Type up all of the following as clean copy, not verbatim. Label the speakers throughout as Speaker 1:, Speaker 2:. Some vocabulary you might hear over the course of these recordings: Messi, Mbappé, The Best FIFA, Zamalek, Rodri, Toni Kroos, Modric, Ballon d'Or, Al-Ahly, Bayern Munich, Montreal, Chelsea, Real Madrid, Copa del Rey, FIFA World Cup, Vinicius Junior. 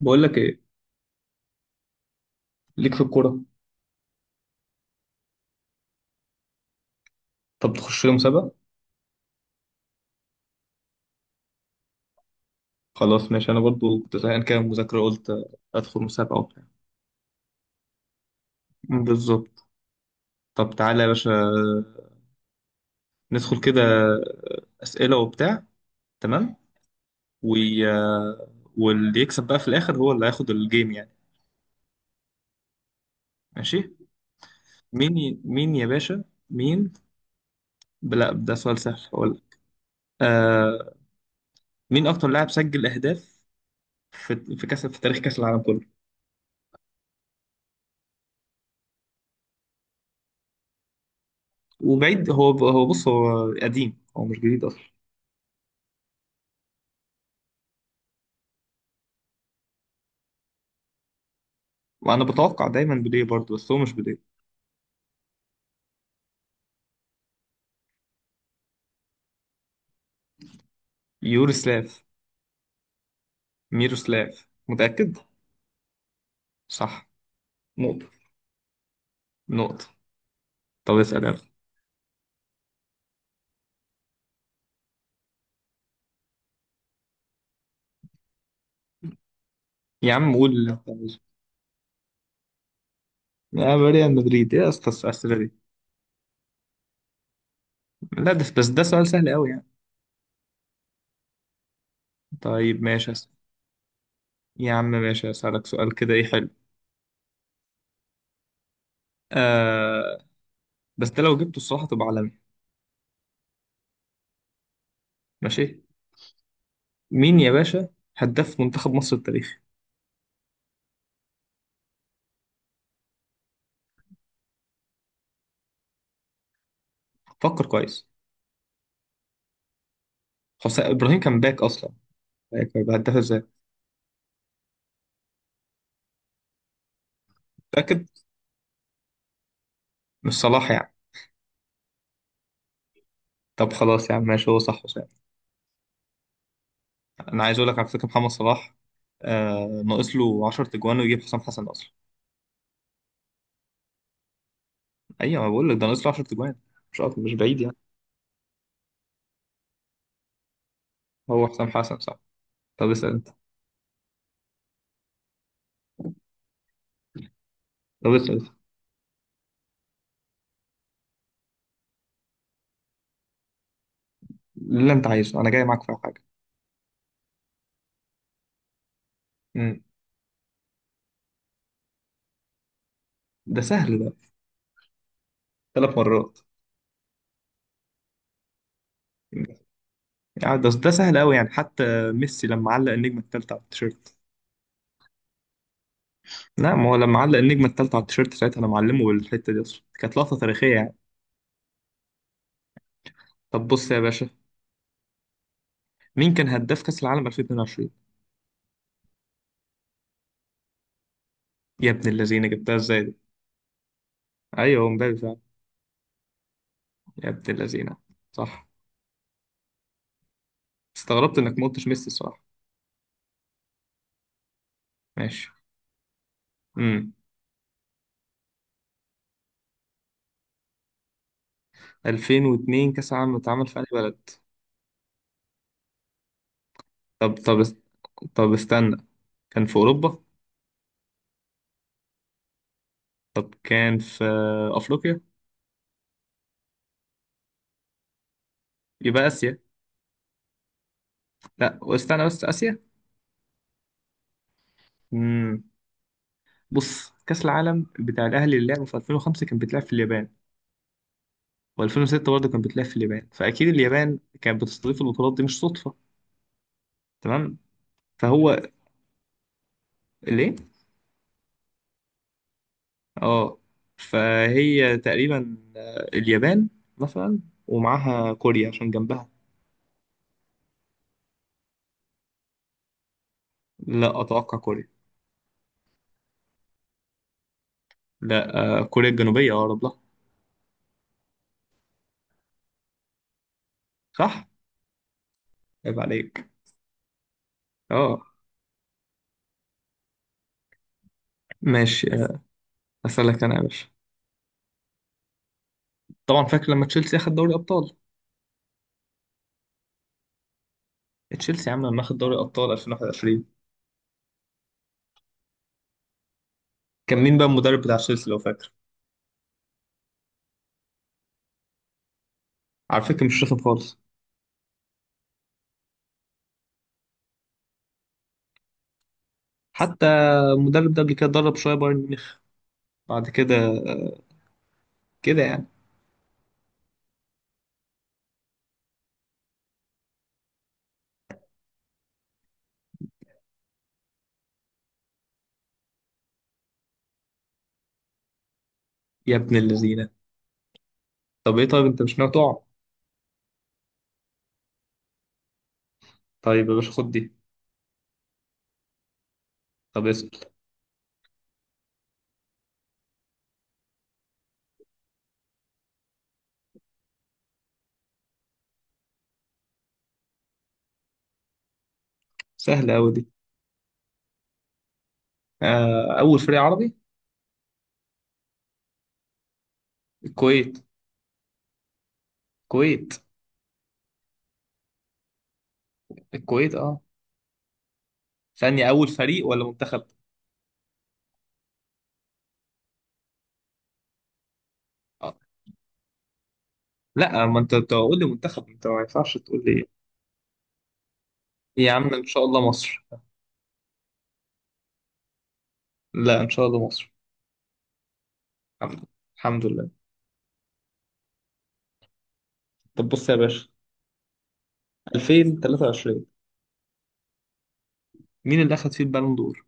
Speaker 1: بقول لك ايه؟ ليك في الكوره. طب تخش لي مسابقه؟ خلاص ماشي، انا برضو كنت زهقان كده من المذاكره، قلت ادخل مسابقه وبتاع. بالظبط. طب تعالى يا باشا، ندخل كده اسئله وبتاع. تمام. و... واللي يكسب بقى في الاخر هو اللي هياخد الجيم يعني. ماشي. مين يا باشا؟ مين؟ لا، ده سؤال سهل، هقول. آه... مين اكتر لاعب سجل اهداف في كاس في تاريخ كاس العالم كله؟ وبعيد، هو بص، هو قديم، هو مش جديد اصلا. وانا بتوقع دايما بوديه برضه، بس هو مش بوديه. يوروسلاف؟ ميروسلاف؟ متأكد؟ صح. نقطة. نقطة. طب اسأل يلا. يا عم قول اللي انت عايزه. يا ريال مدريد، ايه يا اسطى الأسئلة دي؟ لا ده، بس ده سؤال سهل قوي يعني. طيب ماشي اسأل. يا عم ماشي، اسألك سؤال كده، ايه حلو. آه. بس ده لو جبته الصراحة تبقى عالمي. ماشي. مين يا باشا هداف منتخب مصر التاريخي؟ فكر كويس. حسين ابراهيم كان باك اصلا، باك هيبقى هداف ازاي؟ متأكد؟ مش صلاح يعني؟ طب خلاص يا عم ماشي، هو صح. انا عايز اقول لك على فكره محمد صلاح، ناقص له 10 تجوان ويجيب حسام حسن اصلا. ايوه ما بقول لك، ده ناقص له 10 تجوان، مش أكتر- مش بعيد يعني. هو حسام حسن صح. طب اسال انت. طب اسال انت اللي انت عايزه، انا جاي معاك في حاجه. امم. ده سهل ده. ثلاث مرات. يعني ده سهل قوي يعني، حتى ميسي لما علق النجمه الثالثه على التيشيرت. لا، ما هو لما علق النجمه الثالثه على التيشيرت، ساعتها انا معلمه بالحته دي، اصلا كانت لقطه تاريخيه يعني. طب بص يا باشا، مين كان هداف كاس العالم 2022؟ يا ابن الذين، جبتها ازاي دي؟ ايوه، هو مبابي فعلا. يا ابن اللذينة. صح. استغربت انك ما قلتش ميسي الصراحة. ماشي. امم. 2002 كأس العالم اتعمل في أي بلد؟ طب طب است- طب استنى. كان في أوروبا؟ طب كان في أفريقيا؟ يبقى آسيا. لا، واستنى بس، آسيا. امم. بص، كأس العالم بتاع الأهلي اللي لعبه في 2005 كان بيتلعب في اليابان، و2006 برضه كان بيتلعب في اليابان، فأكيد اليابان كانت بتستضيف البطولات دي، مش صدفة. تمام. فهو. ليه. اه. فهي تقريبا، اليابان مثلا، ومعاها كوريا عشان جنبها. لا، اتوقع كوريا. لا، كوريا الجنوبيه اقرب لها. صح. عيب عليك. اه. ماشي. اسالك انا يا باشا. طبعا فاكر لما تشيلسي اخد دوري ابطال؟ تشيلسي يا عم لما اخد دوري ابطال 2021، كان مين بقى المدرب بتاع تشيلسي لو فاكر؟ على فكره مش رخم خالص. حتى المدرب ده قبل كده درب شويه بايرن ميونخ، بعد كده كده يعني. يا ابن اللذينه. طب ايه، طيب انت مش ناوي تقع؟ طيب يا باشا خد دي. طب اسال. سهلة أوي دي. أول فريق عربي الكويت. الكويت. الكويت أه. ثانية، أول فريق ولا منتخب؟ أه. لا، ما أنت تقول لي منتخب، أنت ما ينفعش تقول لي. يا عم إن شاء الله مصر. لا إن شاء الله مصر. الحمد لله. الحمد لله. طب بص يا باشا، 2023 مين اللي أخد فيه البالون دور؟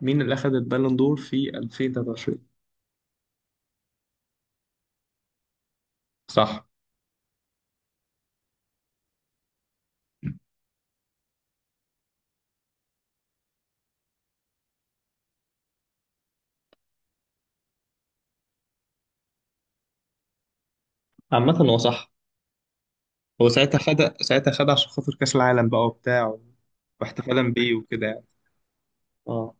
Speaker 1: مين اللي أخد البالون دور في 2023؟ صح. عامة هو صح. هو ساعتها خد، ساعتها خد عشان خاطر كأس العالم بقى وبتاع، واحتفالا بيه وكده يعني. أه.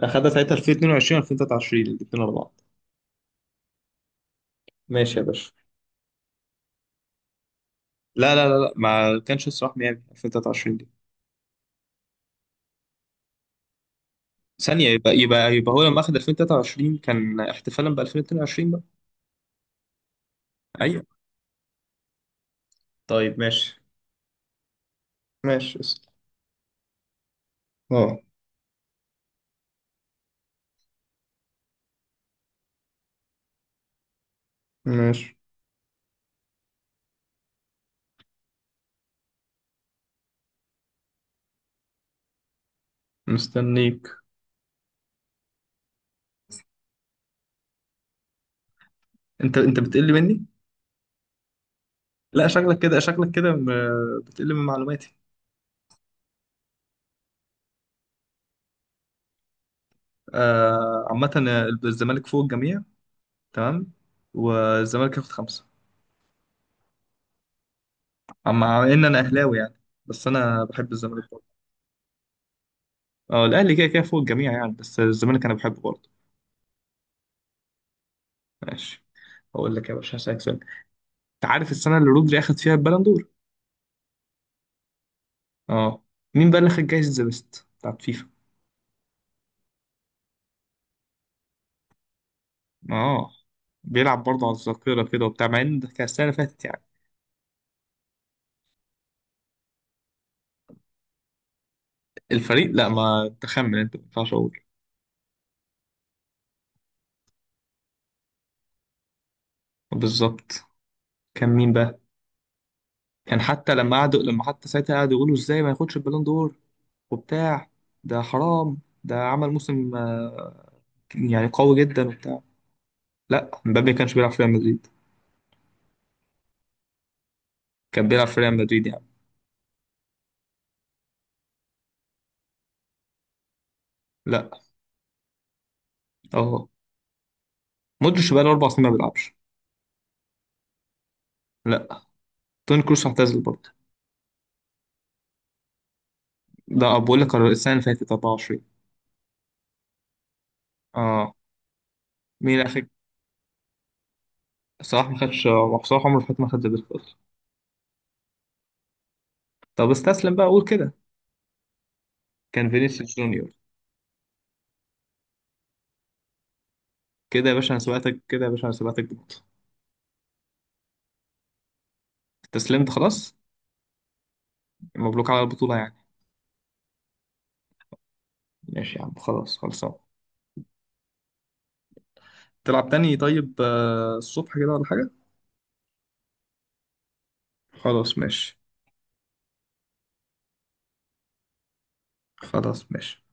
Speaker 1: اخدها ساعتها 2022 2023 الاثنين ورا بعض. ماشي يا باشا. لا لا لا لا، ما كانش الصراحه ميامي 2023 دي. ثانية، يبقى هو لما اخد 2023 كان احتفالا ب 2022 بقى. ايوه. طيب ماشي. ماشي اسأل. اه. ماشي. مستنيك. انت انت بتقل مني؟ لا شكلك كده، شكلك كده م- بتقل من معلوماتي. آه، عامة ال- الزمالك فوق الجميع. تمام. والزمالك ياخد خمسة. مع ان انا اهلاوي يعني، بس انا بحب الزمالك. اه الاهلي كده كده فوق الجميع يعني، بس الزمالك انا بحبه برضه. ماشي. اقول لك يا باشا هسألك سؤال، انت عارف السنه اللي رودري اخد فيها البالون دور؟ اه. مين بقى اللي خد جايزه ذا بيست بتاعت فيفا؟ اه. بيلعب برضه على الذاكره كده وبتاع، مع ان ده كان السنه اللي فاتت يعني. الفريق لا، ما تخمن، انت ما ينفعش اقول. بالظبط. كان مين بقى؟ كان حتى لما قعدوا، لما حتى ساعتها قعدوا يقولوا ازاي ما ياخدش البالون دور وبتاع، ده حرام، ده عمل موسم يعني قوي جدا وبتاع. لا مبابي ما كانش بيلعب في ريال مدريد. كان بيلعب في ريال مدريد يعني. لا. اهو. مودريتش بقى له اربع سنين ما بيلعبش. لا، توني كروس اعتزل برضه. ده بقول لك السنه اللي فاتت 24. اه. مين اخر؟ صلاح ما خدش، صلاح عمره فات ما خد زي بيسكوت. طب استسلم بقى قول كده. كان فينيسيوس جونيور. كده يا باشا انا سبقتك، كده يا باشا انا سبقتك بنقطه. استسلمت خلاص. مبروك على البطوله يعني. ماشي يا عم خلاص، خلصان. تلعب تاني طيب، الصبح كده ولا حاجه؟ خلاص ماشي. خلاص ماشي.